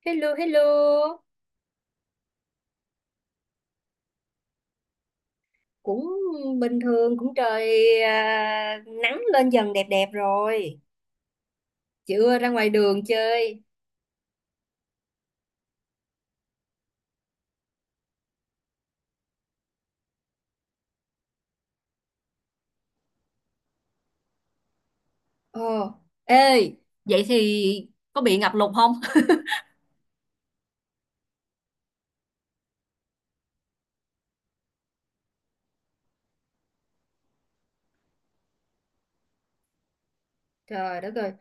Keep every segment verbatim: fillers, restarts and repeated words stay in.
Hello, hello. Cũng bình thường, cũng trời à, nắng lên dần đẹp đẹp rồi. Chưa ra ngoài đường chơi. Ồ, ê, vậy thì có bị ngập lụt không? Trời đất ơi,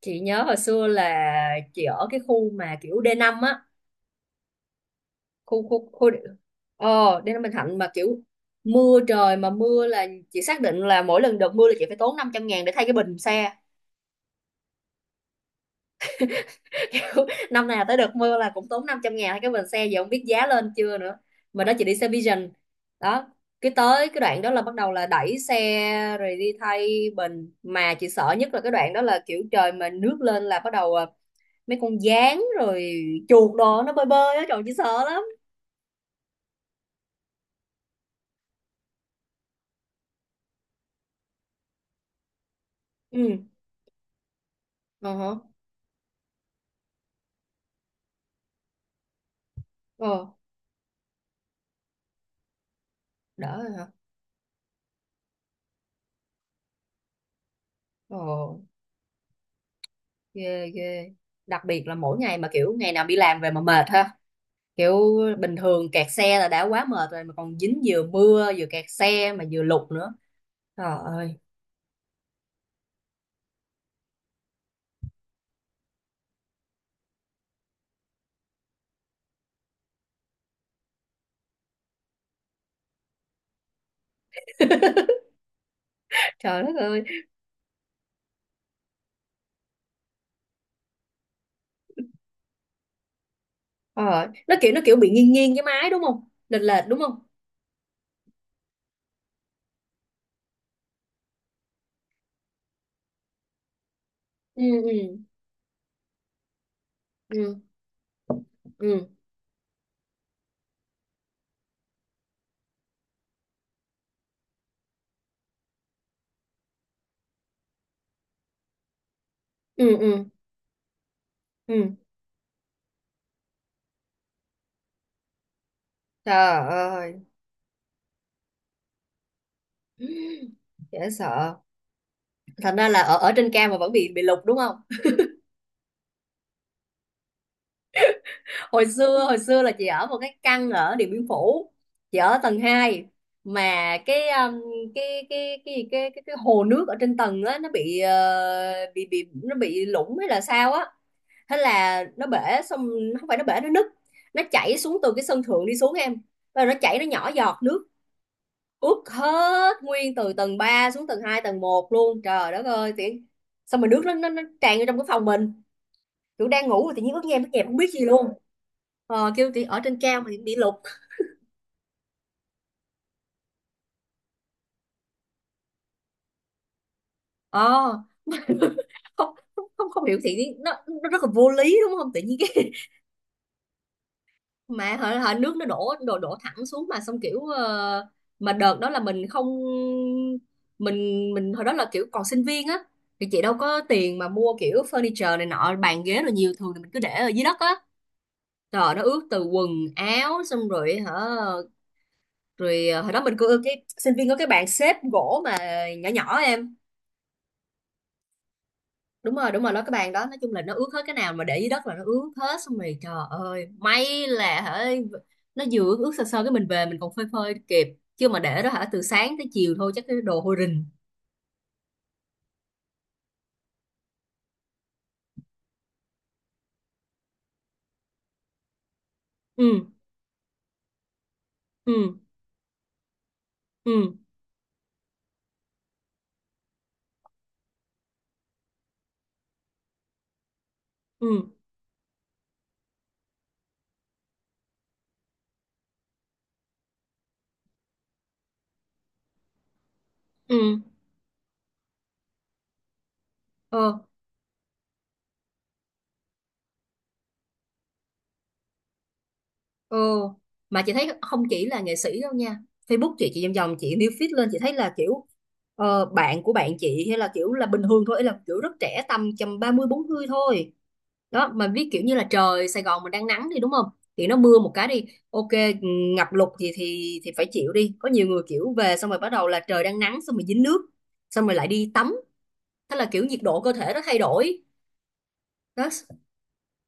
chị nhớ hồi xưa là chị ở cái khu mà kiểu đê năm á. Khu khu khu Ờ, đê năm Bình Thạnh mà kiểu mưa trời mà mưa là chị xác định là mỗi lần đợt mưa là chị phải tốn năm trăm ngàn để thay cái bình xe. Kiểu năm nào tới đợt mưa là cũng tốn năm trăm ngàn cái bình xe, giờ không biết giá lên chưa nữa. Mà đó, chị đi xe Vision đó, cái tới cái đoạn đó là bắt đầu là đẩy xe rồi đi thay bình. Mà chị sợ nhất là cái đoạn đó là kiểu trời mà nước lên là bắt đầu à, mấy con gián rồi chuột đồ nó bơi bơi á, trời chị sợ lắm. Ừ. Ờ hả? Ờ, đỡ rồi hả? Ồ, ghê ghê. Đặc biệt là mỗi ngày mà kiểu ngày nào đi làm về mà mệt ha, kiểu bình thường kẹt xe là đã quá mệt rồi mà còn dính vừa mưa vừa kẹt xe mà vừa lụt nữa. Trời ơi. Trời đất ơi. Ờ, nó kiểu nó kiểu bị nghiêng nghiêng cái máy, đúng không? Lệch lệch đúng không? Ừ, ừ, ừ, ừ, ừ, ừ, ừ. Trời ơi, dễ sợ. Thành ra là ở ở trên cao mà vẫn bị bị lụt đúng không? Hồi xưa hồi xưa là chị ở một cái căn ở Điện Biên Phủ, chị ở tầng hai. Mà cái um, cái cái cái gì cái cái, cái hồ nước ở trên tầng á, nó bị ờ, bị bị nó bị lũng hay là sao á. Thế là nó bể. Xong không phải nó bể, nó nứt. Nó chảy xuống từ cái sân thượng đi xuống em, rồi nó chảy, nó nhỏ giọt nước, ướt hết nguyên từ tầng ba xuống tầng hai tầng một luôn. Trời đất ơi, tiện. Xong mà nước nó nó, nó tràn vô trong cái phòng mình, kiểu đang ngủ rồi tự nhiên ướt nhẹp ướt nhẹp không biết gì luôn. Ờ, kêu thì ở trên cao mà bị bị lục. Ờ. Không, không, không, không hiểu thì nó, nó rất là vô lý, đúng không? Tự nhiên cái mà hả, hả, nước nó đổ đổ đổ thẳng xuống. Mà xong kiểu ờ, mà đợt đó là mình không mình mình hồi đó là kiểu còn sinh viên á, thì chị đâu có tiền mà mua kiểu furniture này nọ, bàn ghế rồi nhiều thường thì mình cứ để ở dưới đất á. Trời, nó ướt từ quần áo xong rồi hả? Rồi ờ, hồi đó mình có cái sinh viên có cái bàn xếp gỗ mà nhỏ nhỏ em. Đúng rồi, đúng rồi, nó cái bàn đó nói chung là nó ướt hết. Cái nào mà để dưới đất là nó ướt hết. Xong rồi trời ơi, may là hả, nó vừa ướt ướt sơ sơ cái mình về mình còn phơi phơi kịp. Chứ mà để đó hả, từ sáng tới chiều thôi chắc cái đồ hôi rình. Ừ, ừ, ừ, ừ, ừ, ừ. Ờ. Ừ. Mà chị thấy không chỉ là nghệ sĩ đâu nha. Facebook chị chị vòng vòng chị new feed lên, chị thấy là kiểu ờ, bạn của bạn chị hay là kiểu là bình thường thôi, là kiểu rất trẻ, tầm tầm ba mươi bốn 40 thôi đó. Mà biết kiểu như là trời Sài Gòn mình đang nắng, đi đúng không? Thì nó mưa một cái, đi ok, ừ, ngập lụt gì thì thì phải chịu đi. Có nhiều người kiểu về xong rồi bắt đầu là trời đang nắng xong rồi dính nước, xong rồi lại đi tắm. Thế là kiểu nhiệt độ cơ thể nó thay đổi đó,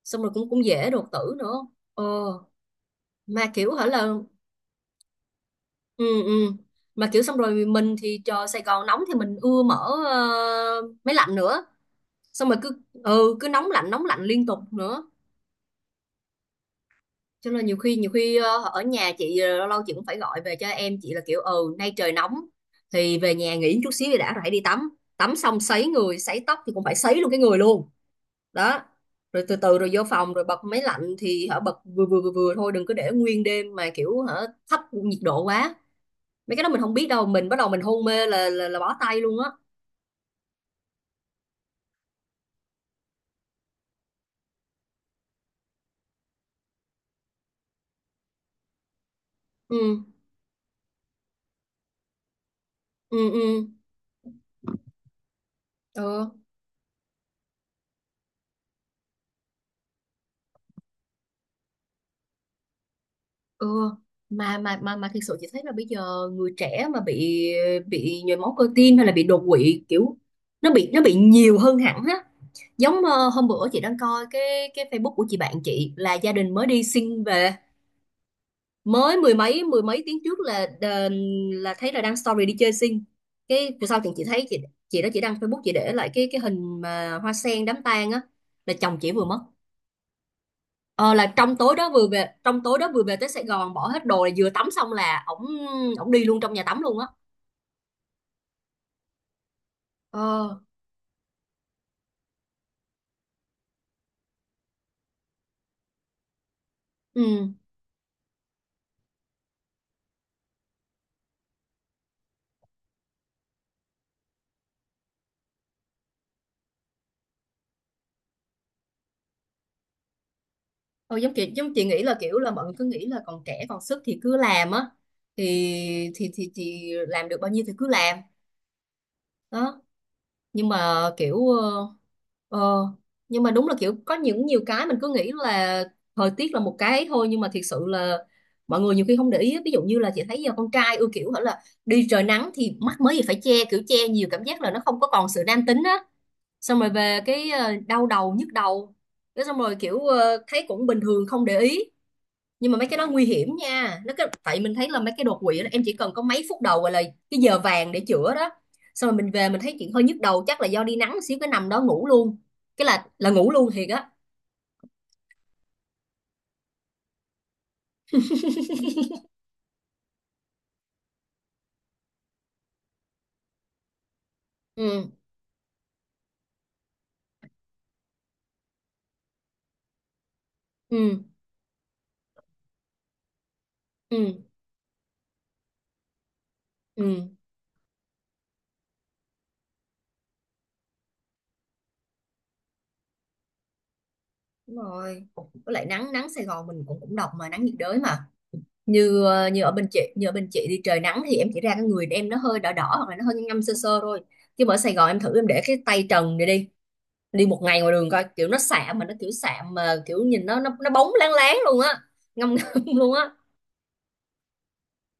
xong rồi cũng cũng dễ đột tử nữa. Ờ, mà kiểu hả là ừ, ừ, mà kiểu xong rồi mình thì trời Sài Gòn nóng thì mình ưa mở ờ, máy lạnh nữa, xong rồi cứ ừ, cứ nóng lạnh nóng lạnh liên tục nữa. Cho nên nhiều khi nhiều khi ờ, ở nhà chị ờ, lâu lâu chị cũng phải gọi về cho em chị là kiểu ừ nay trời nóng, thì về nhà nghỉ chút xíu thì đã rồi hãy đi tắm. Tắm xong sấy người sấy tóc thì cũng phải sấy luôn cái người luôn đó. Rồi từ từ rồi vô phòng rồi bật máy lạnh thì hả, bật vừa vừa vừa vừa thôi, đừng có để nguyên đêm mà kiểu hả, thấp nhiệt độ quá. Mấy cái đó mình không biết đâu, mình bắt đầu mình hôn mê là là, là bó tay luôn á. Ừ, ừ, ừ, ừ, ừ. Mà mà mà mà thiệt sự chị thấy là bây giờ người trẻ mà bị bị nhồi máu cơ tim hay là bị đột quỵ kiểu nó bị nó bị nhiều hơn hẳn á. Giống ờ, hôm bữa chị đang coi cái cái Facebook của chị bạn chị, là gia đình mới đi sinh về. Mới mười mấy mười mấy tiếng trước là là thấy là đăng story đi chơi xinh. Cái về sau thì chị thấy chị chị đó, chị đăng Facebook, chị để lại cái cái hình mà hoa sen đám tang á, là chồng chị vừa mất. Ờ, là trong tối đó vừa về, trong tối đó vừa về tới Sài Gòn bỏ hết đồ là vừa tắm xong là ổng ổng đi luôn trong nhà tắm luôn á. Ờ. Ừ. Ờ, giống chị giống chị nghĩ là kiểu là mọi người cứ nghĩ là còn trẻ còn sức thì cứ làm á. Thì thì thì chị làm được bao nhiêu thì cứ làm đó. Nhưng mà kiểu ờ, ờ, nhưng mà đúng là kiểu có những nhiều cái mình cứ nghĩ là thời tiết là một cái thôi, nhưng mà thiệt sự là mọi người nhiều khi không để ý á. Ví dụ như là chị thấy giờ con trai ưa kiểu hả là đi trời nắng thì mắc mới gì phải che, kiểu che nhiều cảm giác là nó không có còn sự nam tính á. Xong rồi về cái ờ, đau đầu nhức đầu, cái xong rồi kiểu ờ, thấy cũng bình thường, không để ý. Nhưng mà mấy cái đó nguy hiểm nha, nó cái tại mình thấy là mấy cái đột quỵ đó, em chỉ cần có mấy phút đầu gọi là cái giờ vàng để chữa đó. Xong rồi mình về mình thấy chuyện hơi nhức đầu, chắc là do đi nắng xíu, cái nằm đó ngủ luôn, cái là là ngủ luôn thiệt á. Ừ, ừ, ừ, ừ. Đúng rồi, với lại nắng nắng Sài Gòn mình cũng cũng độc mà, nắng nhiệt đới mà. Như ờ, như ở bên chị như ở bên chị đi trời nắng thì em chỉ ra cái người em nó hơi đỏ đỏ hoặc là nó hơi ngâm ngâm sơ sơ thôi. Chứ mà ở Sài Gòn em thử em để cái tay trần này đi, đi một ngày ngoài đường coi, kiểu nó xạ mà nó kiểu xạ mà kiểu nhìn nó nó nó bóng láng láng luôn á, ngâm ngâm luôn á.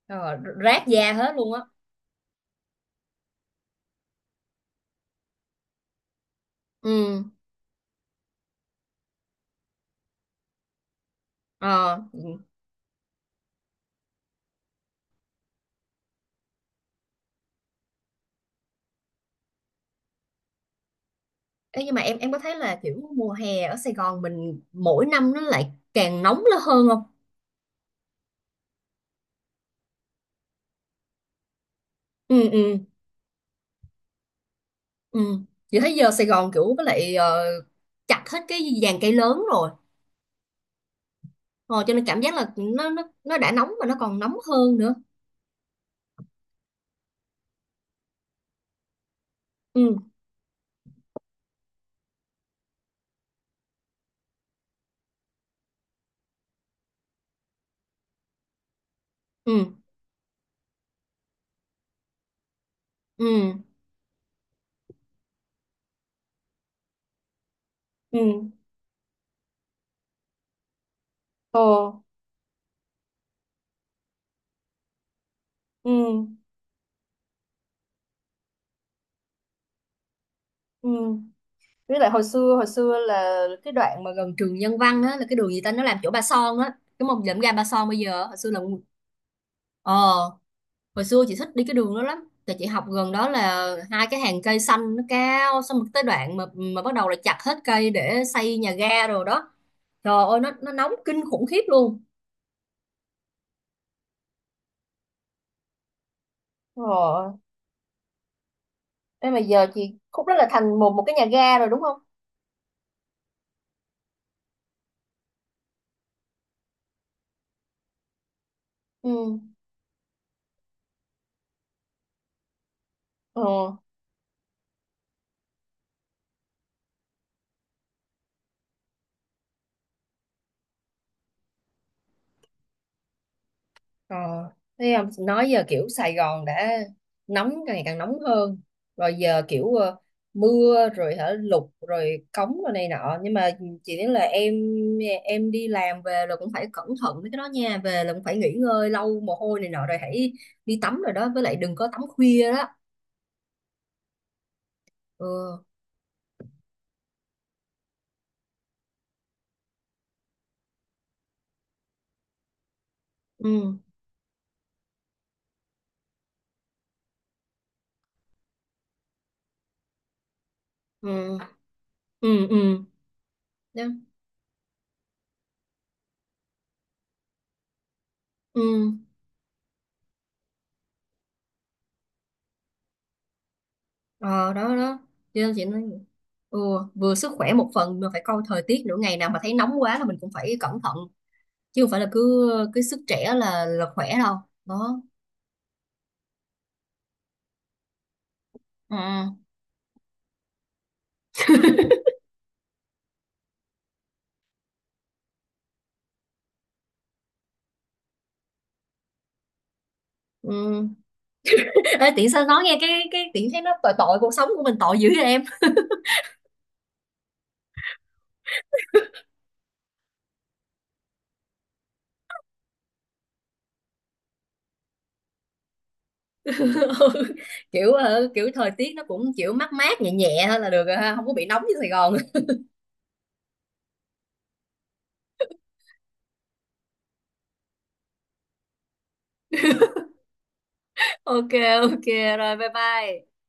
Ờ, rát da hết luôn á. Ừ. Ờ. Ê, nhưng mà em em có thấy là kiểu mùa hè ở Sài Gòn mình mỗi năm nó lại càng nóng lên hơn không? Ừ, ừ, ừ. Chị thấy giờ Sài Gòn kiểu với lại ờ, chặt hết cái dàn cây lớn rồi, ờ, cho nên cảm giác là nó nó nó đã nóng mà nó còn nóng hơn nữa. Ừ, ừ, ừ, ừ. Ồ. Ừ, ừ, với lại hồi xưa hồi xưa là cái đoạn mà gần trường Nhân Văn á, là cái đường gì ta, nó làm chỗ Ba Son á, cái mông lượm ga Ba Son bây giờ, hồi xưa là ờ, hồi xưa chị thích đi cái đường đó lắm tại chị học gần đó, là hai cái hàng cây xanh nó cao, xong rồi tới đoạn mà mà bắt đầu là chặt hết cây để xây nhà ga rồi đó. Trời ơi, nó nó nóng kinh khủng khiếp luôn. Ờ, thế mà giờ chị khúc đó là thành một một cái nhà ga rồi đúng không? Ừ. Ờ. Ờ, thấy không, nói giờ kiểu Sài Gòn đã nóng càng ngày càng nóng hơn, rồi giờ kiểu ờ, mưa rồi hả lụt rồi cống rồi này nọ. Nhưng mà chỉ nói là em em đi làm về là cũng phải cẩn thận với cái đó nha, về là cũng phải nghỉ ngơi lâu mồ hôi này nọ rồi hãy đi tắm rồi đó, với lại đừng có tắm khuya đó. Ừ, ừ, ừ, ừ, ừ. Đó. Ừ. Ờ, đó đó, cho nên chị nói ừ, vừa sức khỏe một phần mà phải coi thời tiết nữa, ngày nào mà thấy nóng quá là mình cũng phải cẩn thận, chứ không phải là cứ cứ sức trẻ là là khỏe đâu đó. Ừ. Ừ. Ê, tiện sao nói nghe cái cái tiện thấy nó tội tội cuộc sống của mình tội dữ vậy em. Ừ. Kiểu ờ, kiểu thời tiết nó cũng kiểu mát mát nhẹ nhẹ thôi là được rồi ha, không có bị nóng như Sài Gòn. Ok, ok, rồi bye bye.